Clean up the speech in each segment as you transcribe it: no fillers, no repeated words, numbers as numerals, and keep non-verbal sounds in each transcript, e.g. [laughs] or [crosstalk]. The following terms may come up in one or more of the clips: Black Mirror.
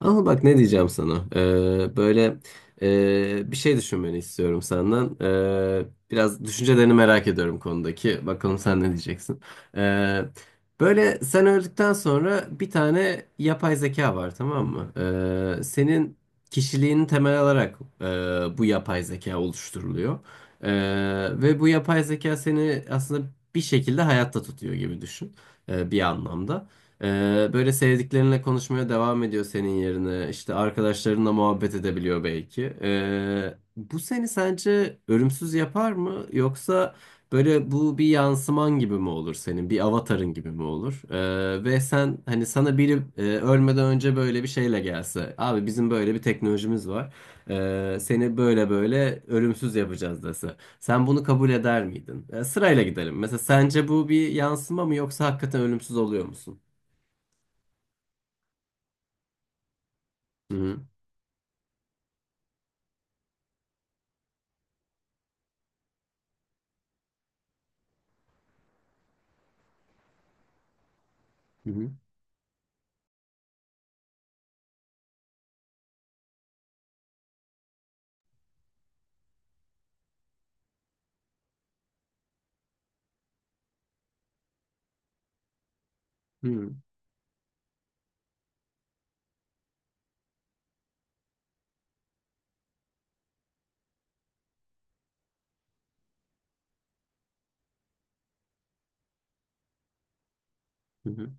Ama bak ne diyeceğim sana. Böyle bir şey düşünmeni istiyorum senden. Biraz düşüncelerini merak ediyorum konudaki. Bakalım sen ne diyeceksin. Ee, Böyle sen öldükten sonra bir tane yapay zeka var, tamam mı? Senin kişiliğini temel alarak bu yapay zeka oluşturuluyor. Ve bu yapay zeka seni aslında bir şekilde hayatta tutuyor gibi düşün. Bir anlamda. Böyle sevdiklerinle konuşmaya devam ediyor senin yerine. İşte arkadaşlarınla muhabbet edebiliyor belki. Bu seni sence ölümsüz yapar mı? Yoksa böyle bu bir yansıman gibi mi olur senin? Bir avatarın gibi mi olur? Ve sen hani sana biri ölmeden önce böyle bir şeyle gelse. Abi bizim böyle bir teknolojimiz var. Seni böyle böyle ölümsüz yapacağız dese. Sen bunu kabul eder miydin? Sırayla gidelim. Mesela sence bu bir yansıma mı yoksa hakikaten ölümsüz oluyor musun? Hı hı, hı hı, hı hı,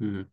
hı hı, hı hı,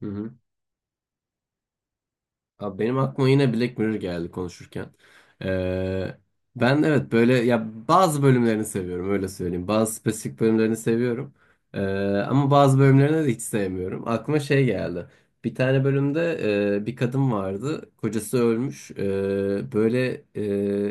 hı hı. Abi benim aklıma yine Black Mirror geldi konuşurken. Ee, Ben evet böyle ya bazı bölümlerini seviyorum, öyle söyleyeyim. Bazı spesifik bölümlerini seviyorum. Ee, Ama bazı bölümlerini de hiç sevmiyorum. Aklıma şey geldi. Bir tane bölümde bir kadın vardı. Kocası ölmüş. Böyle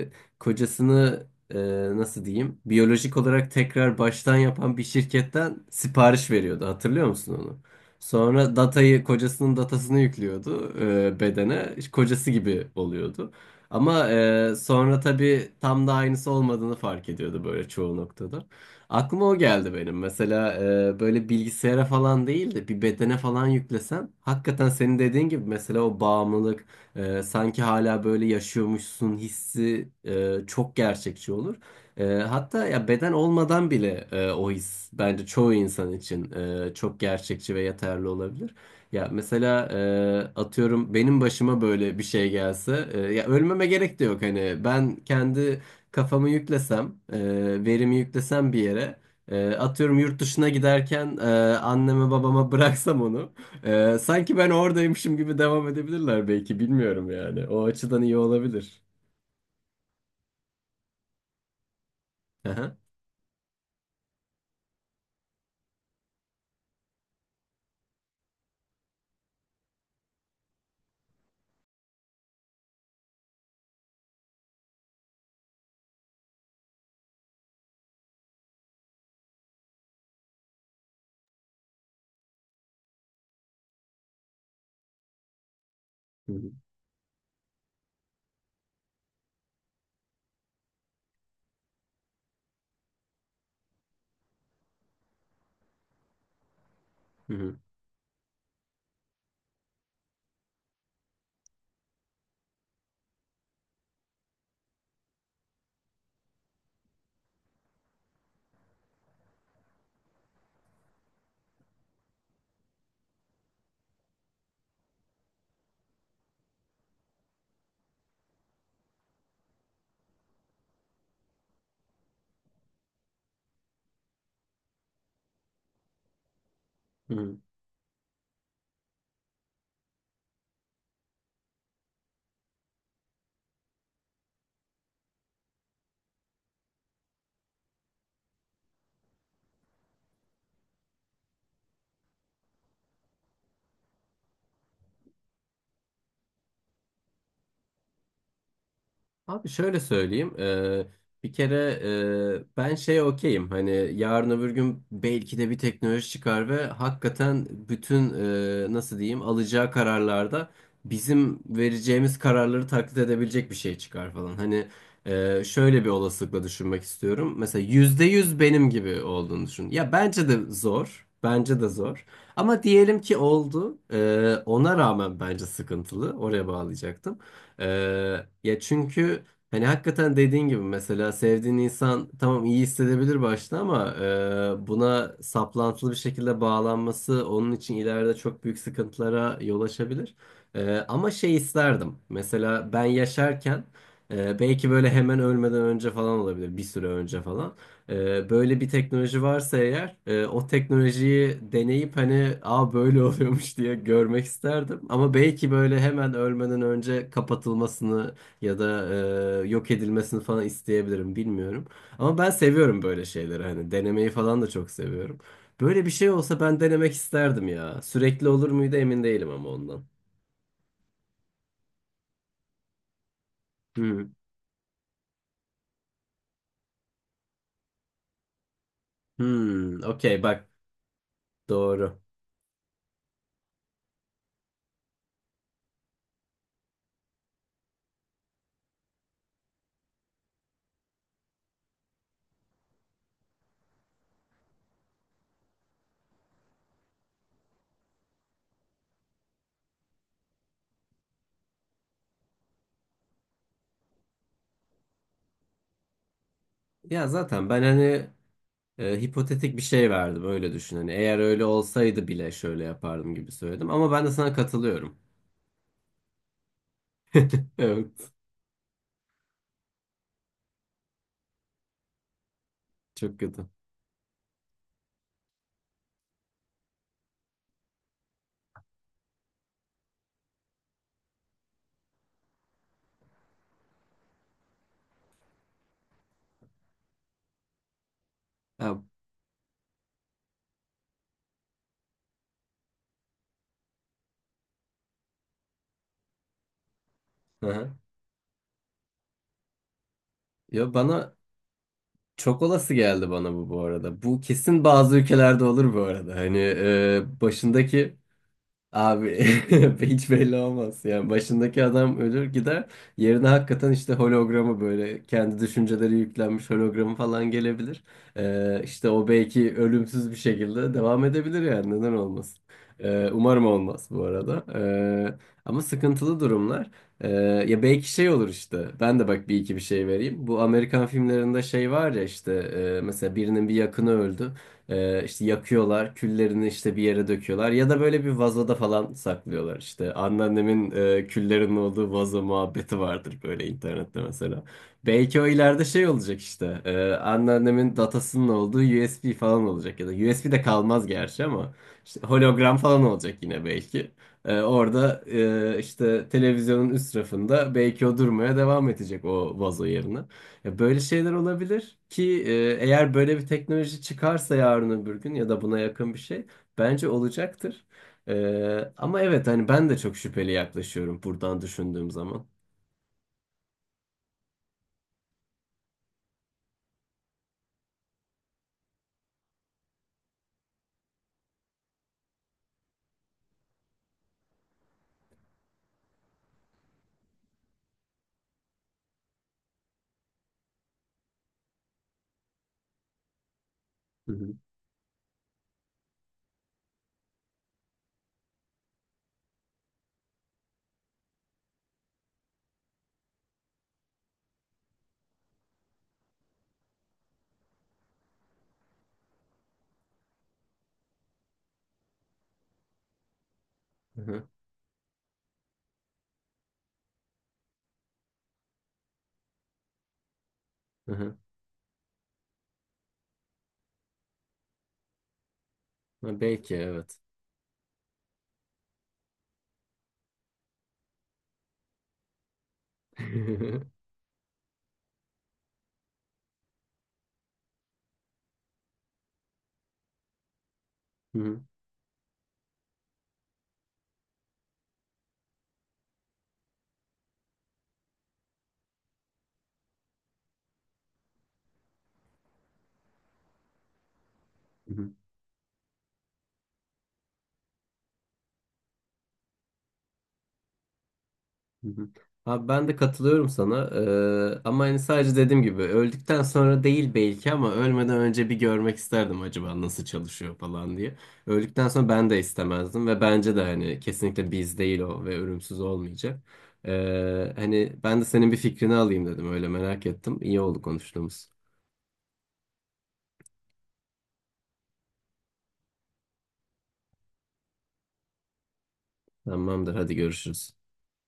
kocasını nasıl diyeyim? Biyolojik olarak tekrar baştan yapan bir şirketten sipariş veriyordu. Hatırlıyor musun onu? Sonra datayı, kocasının datasını yüklüyordu bedene. İşte kocası gibi oluyordu. Ama sonra tabii tam da aynısı olmadığını fark ediyordu böyle çoğu noktada. Aklıma o geldi benim. Mesela böyle bilgisayara falan değil de bir bedene falan yüklesen, hakikaten senin dediğin gibi mesela o bağımlılık, sanki hala böyle yaşıyormuşsun hissi çok gerçekçi olur. Hatta ya beden olmadan bile o his bence çoğu insan için çok gerçekçi ve yeterli olabilir. Ya mesela atıyorum benim başıma böyle bir şey gelse, ya ölmeme gerek de yok, hani ben kendi kafamı yüklesem, verimi yüklesem bir yere, atıyorum yurt dışına giderken, anneme babama [laughs] bıraksam onu, sanki ben oradaymışım gibi devam edebilirler belki, bilmiyorum yani o açıdan iyi olabilir. Aha. Hı hı. Hı hı. Hı hı. Abi şöyle söyleyeyim. Bir kere ben şeye okeyim. Hani yarın öbür gün belki de bir teknoloji çıkar ve hakikaten bütün nasıl diyeyim, alacağı kararlarda bizim vereceğimiz kararları taklit edebilecek bir şey çıkar falan. Hani şöyle bir olasılıkla düşünmek istiyorum. Mesela yüzde yüz benim gibi olduğunu düşün. Ya bence de zor. Bence de zor. Ama diyelim ki oldu. Ona rağmen bence sıkıntılı. Oraya bağlayacaktım. Ya çünkü hani hakikaten dediğin gibi mesela sevdiğin insan tamam iyi hissedebilir başta, ama buna saplantılı bir şekilde bağlanması onun için ileride çok büyük sıkıntılara yol açabilir. Ama şey isterdim. Mesela ben yaşarken, belki böyle hemen ölmeden önce falan olabilir, bir süre önce falan. Böyle bir teknoloji varsa eğer, o teknolojiyi deneyip hani aa böyle [laughs] oluyormuş diye görmek isterdim. Ama belki böyle hemen ölmeden önce kapatılmasını ya da yok edilmesini falan isteyebilirim, bilmiyorum. Ama ben seviyorum böyle şeyleri, hani denemeyi falan da çok seviyorum. Böyle bir şey olsa ben denemek isterdim ya. Sürekli olur muydu emin değilim ama ondan. Hmm. Hmm, okey bak, doğru. Ya zaten ben hani hipotetik bir şey verdim, öyle düşün. Hani eğer öyle olsaydı bile şöyle yapardım gibi söyledim. Ama ben de sana katılıyorum. [laughs] Evet. Çok kötü. Ya, aha. Ya bana çok olası geldi bana, bu bu arada. Bu kesin bazı ülkelerde olur bu arada. Hani başındaki abi [laughs] hiç belli olmaz. Yani başındaki adam ölür gider. Yerine hakikaten işte hologramı, böyle kendi düşünceleri yüklenmiş hologramı falan gelebilir. İşte o belki ölümsüz bir şekilde devam edebilir yani, neden olmasın. Umarım olmaz bu arada. Ama sıkıntılı durumlar. Ee, Ya belki şey olur işte. Ben de bak bir iki bir şey vereyim. Bu Amerikan filmlerinde şey var ya işte, mesela birinin bir yakını öldü. İşte yakıyorlar, küllerini işte bir yere döküyorlar ya da böyle bir vazoda falan saklıyorlar işte. Anneannemin küllerin olduğu vazo muhabbeti vardır böyle internette mesela. Belki o ileride şey olacak işte. Anneannemin datasının olduğu USB falan olacak ya da USB de kalmaz gerçi, ama işte hologram falan olacak yine belki. Orada işte televizyonun üst rafında belki o durmaya devam edecek o vazo yerine. Ya böyle şeyler olabilir ki, eğer böyle bir teknoloji çıkarsa yarın öbür gün ya da buna yakın bir şey bence olacaktır. Ama evet hani ben de çok şüpheli yaklaşıyorum buradan düşündüğüm zaman. Hı hı. Hı hı. Hı hı. Ha, belki evet. [laughs] Hı hı. Hı hı. Hı hı. Abi ben de katılıyorum sana. Ama hani sadece dediğim gibi öldükten sonra değil belki, ama ölmeden önce bir görmek isterdim acaba nasıl çalışıyor falan diye. Öldükten sonra ben de istemezdim ve bence de hani kesinlikle biz değil o, ve ölümsüz olmayacak. Hani ben de senin bir fikrini alayım dedim, öyle merak ettim. İyi oldu konuştuğumuz. Tamamdır, hadi görüşürüz.